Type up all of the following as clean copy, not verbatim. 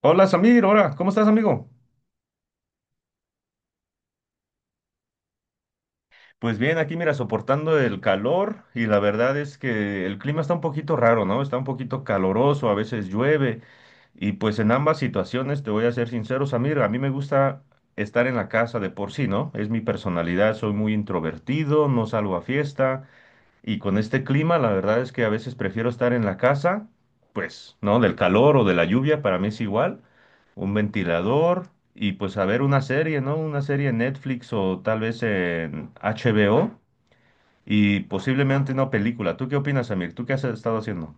Hola Samir, hola, ¿cómo estás amigo? Pues bien, aquí mira, soportando el calor y la verdad es que el clima está un poquito raro, ¿no? Está un poquito caloroso, a veces llueve y pues en ambas situaciones, te voy a ser sincero Samir, a mí me gusta estar en la casa de por sí, ¿no? Es mi personalidad, soy muy introvertido, no salgo a fiesta. Y con este clima, la verdad es que a veces prefiero estar en la casa, pues, ¿no? Del calor o de la lluvia, para mí es igual. Un ventilador y pues a ver una serie, ¿no? Una serie en Netflix o tal vez en HBO y posiblemente una película. ¿Tú qué opinas, Samir? ¿Tú qué has estado haciendo?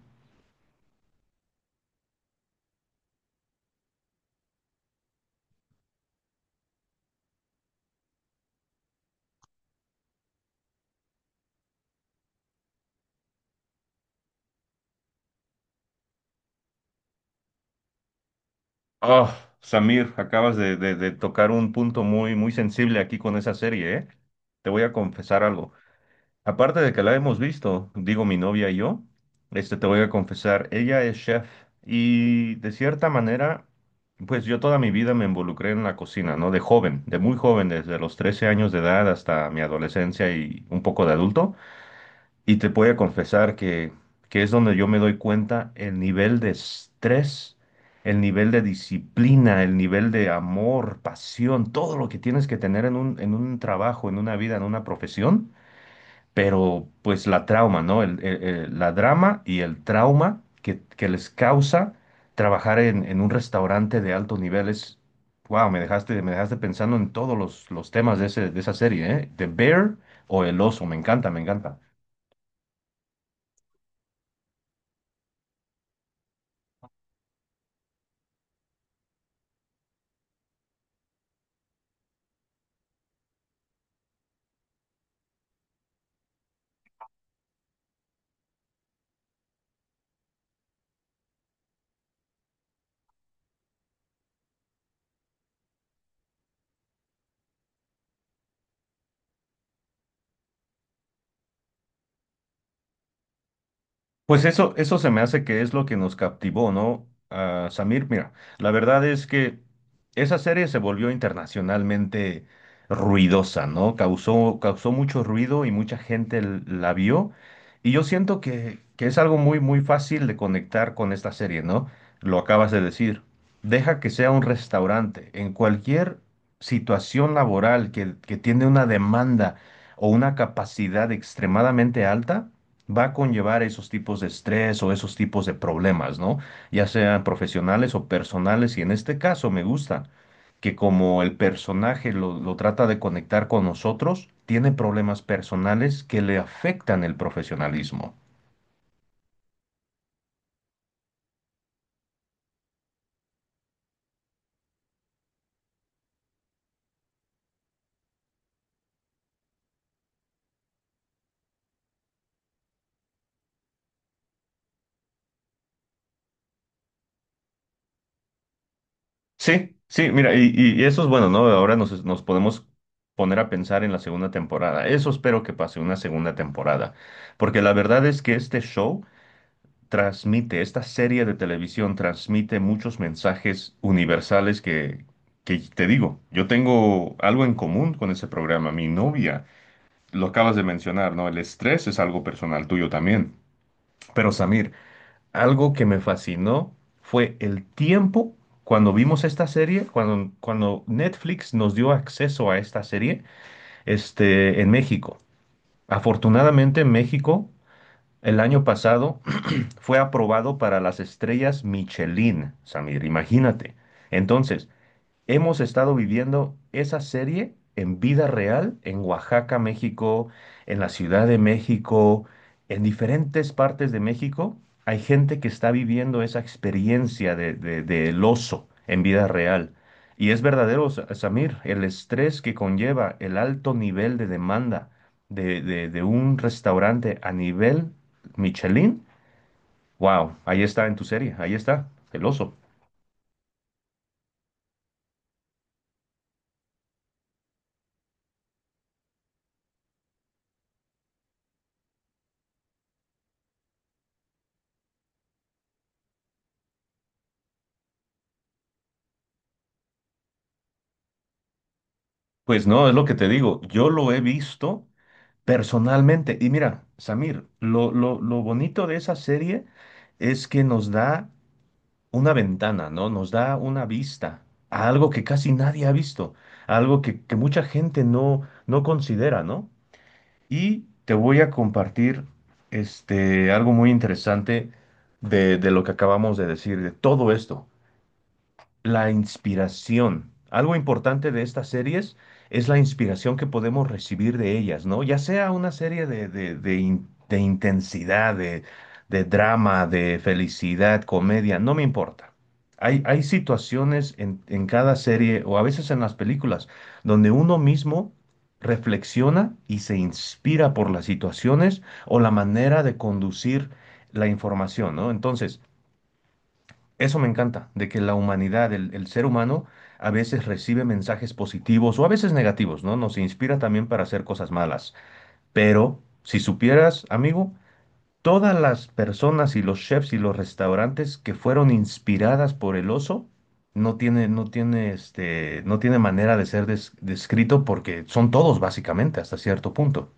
Oh, Samir, acabas de tocar un punto muy sensible aquí con esa serie, ¿eh? Te voy a confesar algo. Aparte de que la hemos visto, digo mi novia y yo, te voy a confesar, ella es chef y de cierta manera, pues yo toda mi vida me involucré en la cocina, ¿no? De joven, de muy joven, desde los 13 años de edad hasta mi adolescencia y un poco de adulto. Y te voy a confesar que es donde yo me doy cuenta el nivel de estrés, el nivel de disciplina, el nivel de amor, pasión, todo lo que tienes que tener en un trabajo, en una vida, en una profesión, pero pues la trauma, ¿no? La drama y el trauma que les causa trabajar en un restaurante de alto nivel es, wow, me dejaste pensando en todos los temas de esa serie, ¿eh? The Bear o El Oso, me encanta, me encanta. Pues eso se me hace que es lo que nos captivó, ¿no? Ah, Samir, mira, la verdad es que esa serie se volvió internacionalmente ruidosa, ¿no? Causó mucho ruido y mucha gente la vio. Y yo siento que es algo muy fácil de conectar con esta serie, ¿no? Lo acabas de decir. Deja que sea un restaurante. En cualquier situación laboral que tiene una demanda o una capacidad extremadamente alta, va a conllevar esos tipos de estrés o esos tipos de problemas, ¿no? Ya sean profesionales o personales, y en este caso me gusta que como el personaje lo trata de conectar con nosotros, tiene problemas personales que le afectan el profesionalismo. Sí, sí, mira, y eso es bueno, ¿no? Ahora nos podemos poner a pensar en la segunda temporada. Eso espero que pase una segunda temporada, porque la verdad es que este show transmite, esta serie de televisión transmite muchos mensajes universales que te digo, yo tengo algo en común con ese programa. Mi novia, lo acabas de mencionar, ¿no? El estrés es algo personal tuyo también. Pero Samir, algo que me fascinó fue el tiempo cuando vimos esta serie, cuando Netflix nos dio acceso a esta serie, en México. Afortunadamente en México, el año pasado, fue aprobado para las estrellas Michelin, Samir, imagínate. Entonces, hemos estado viviendo esa serie en vida real en Oaxaca, México, en la Ciudad de México, en diferentes partes de México. Hay gente que está viviendo esa experiencia del oso en vida real. Y es verdadero, Samir, el estrés que conlleva el alto nivel de demanda de un restaurante a nivel Michelin. Wow, ahí está en tu serie, ahí está, el oso. Pues no, es lo que te digo, yo lo he visto personalmente. Y mira, Samir, lo bonito de esa serie es que nos da una ventana, ¿no? Nos da una vista a algo que casi nadie ha visto, a algo que mucha gente no considera, ¿no? Y te voy a compartir algo muy interesante de lo que acabamos de decir, de todo esto. La inspiración. Algo importante de estas series es la inspiración que podemos recibir de ellas, ¿no? Ya sea una serie de intensidad, de drama, de felicidad, comedia, no me importa. Hay situaciones en cada serie o a veces en las películas donde uno mismo reflexiona y se inspira por las situaciones o la manera de conducir la información, ¿no? Entonces, eso me encanta, de que la humanidad, el ser humano, a veces recibe mensajes positivos o a veces negativos, ¿no? Nos inspira también para hacer cosas malas. Pero, si supieras, amigo, todas las personas y los chefs y los restaurantes que fueron inspiradas por el oso, no tiene manera de ser descrito porque son todos básicamente hasta cierto punto.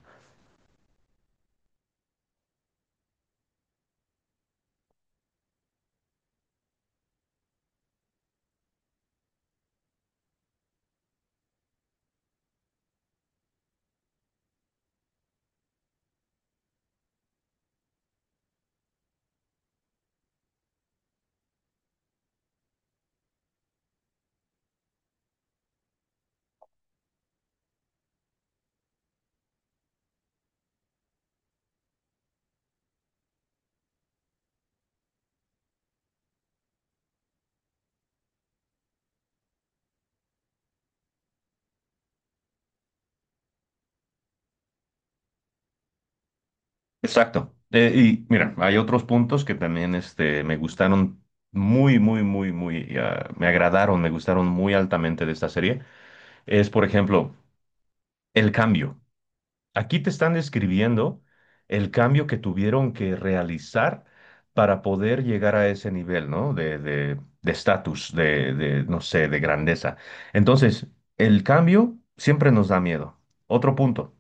Exacto. Y mira, hay otros puntos que también me gustaron me agradaron, me gustaron muy altamente de esta serie. Es, por ejemplo, el cambio. Aquí te están describiendo el cambio que tuvieron que realizar para poder llegar a ese nivel, ¿no? De estatus, no sé, de grandeza. Entonces, el cambio siempre nos da miedo. Otro punto.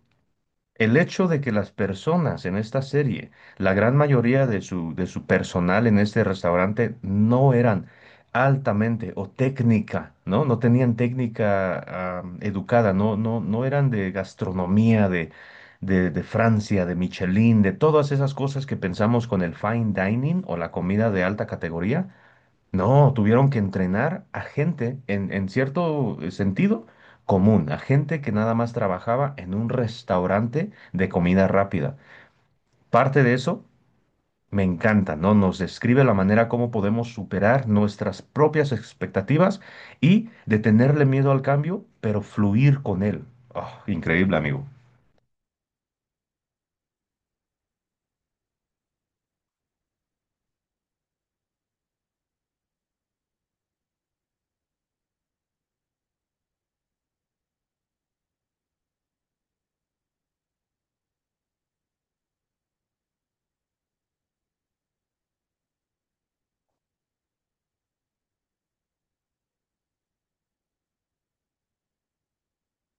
El hecho de que las personas en esta serie, la gran mayoría de su personal en este restaurante, no eran altamente o técnica, ¿no? No tenían técnica educada, no eran de gastronomía, de Francia, de Michelin, de todas esas cosas que pensamos con el fine dining o la comida de alta categoría. No, tuvieron que entrenar a gente, en cierto sentido, común, a gente que nada más trabajaba en un restaurante de comida rápida. Parte de eso me encanta, ¿no? Nos describe la manera como podemos superar nuestras propias expectativas y de tenerle miedo al cambio, pero fluir con él. Oh, increíble, amigo.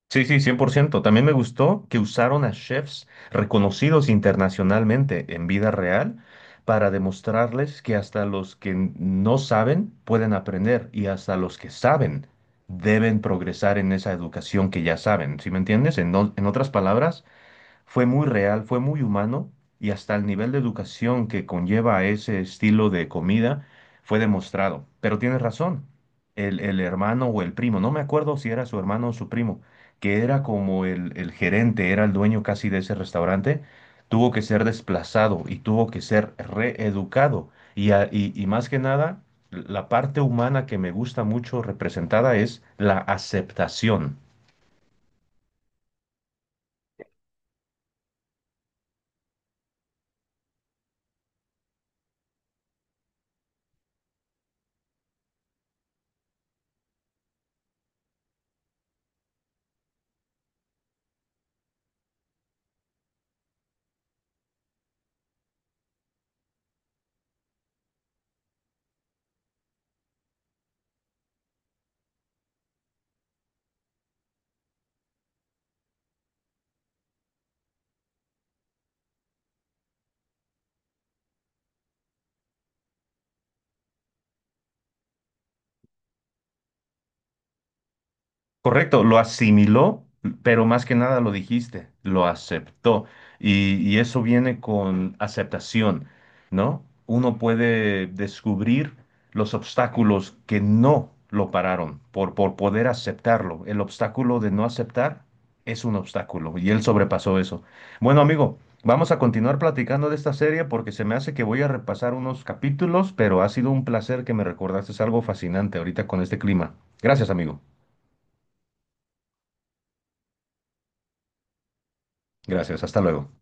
Sí, sí, 100%. También me gustó que usaron a chefs reconocidos internacionalmente en vida real para demostrarles que hasta los que no saben pueden aprender y hasta los que saben deben progresar en esa educación que ya saben. ¿Sí me entiendes? En otras palabras, fue muy real, fue muy humano y hasta el nivel de educación que conlleva ese estilo de comida fue demostrado. Pero tienes razón, el hermano o el primo, no me acuerdo si era su hermano o su primo, que era como el gerente, era el dueño casi de ese restaurante, tuvo que ser desplazado y tuvo que ser reeducado. Y más que nada, la parte humana que me gusta mucho representada es la aceptación. Correcto, lo asimiló, pero más que nada lo dijiste, lo aceptó. Y eso viene con aceptación, ¿no? Uno puede descubrir los obstáculos que no lo pararon por poder aceptarlo. El obstáculo de no aceptar es un obstáculo y él sobrepasó eso. Bueno, amigo, vamos a continuar platicando de esta serie porque se me hace que voy a repasar unos capítulos, pero ha sido un placer que me recordaste algo fascinante ahorita con este clima. Gracias, amigo. Gracias, hasta luego.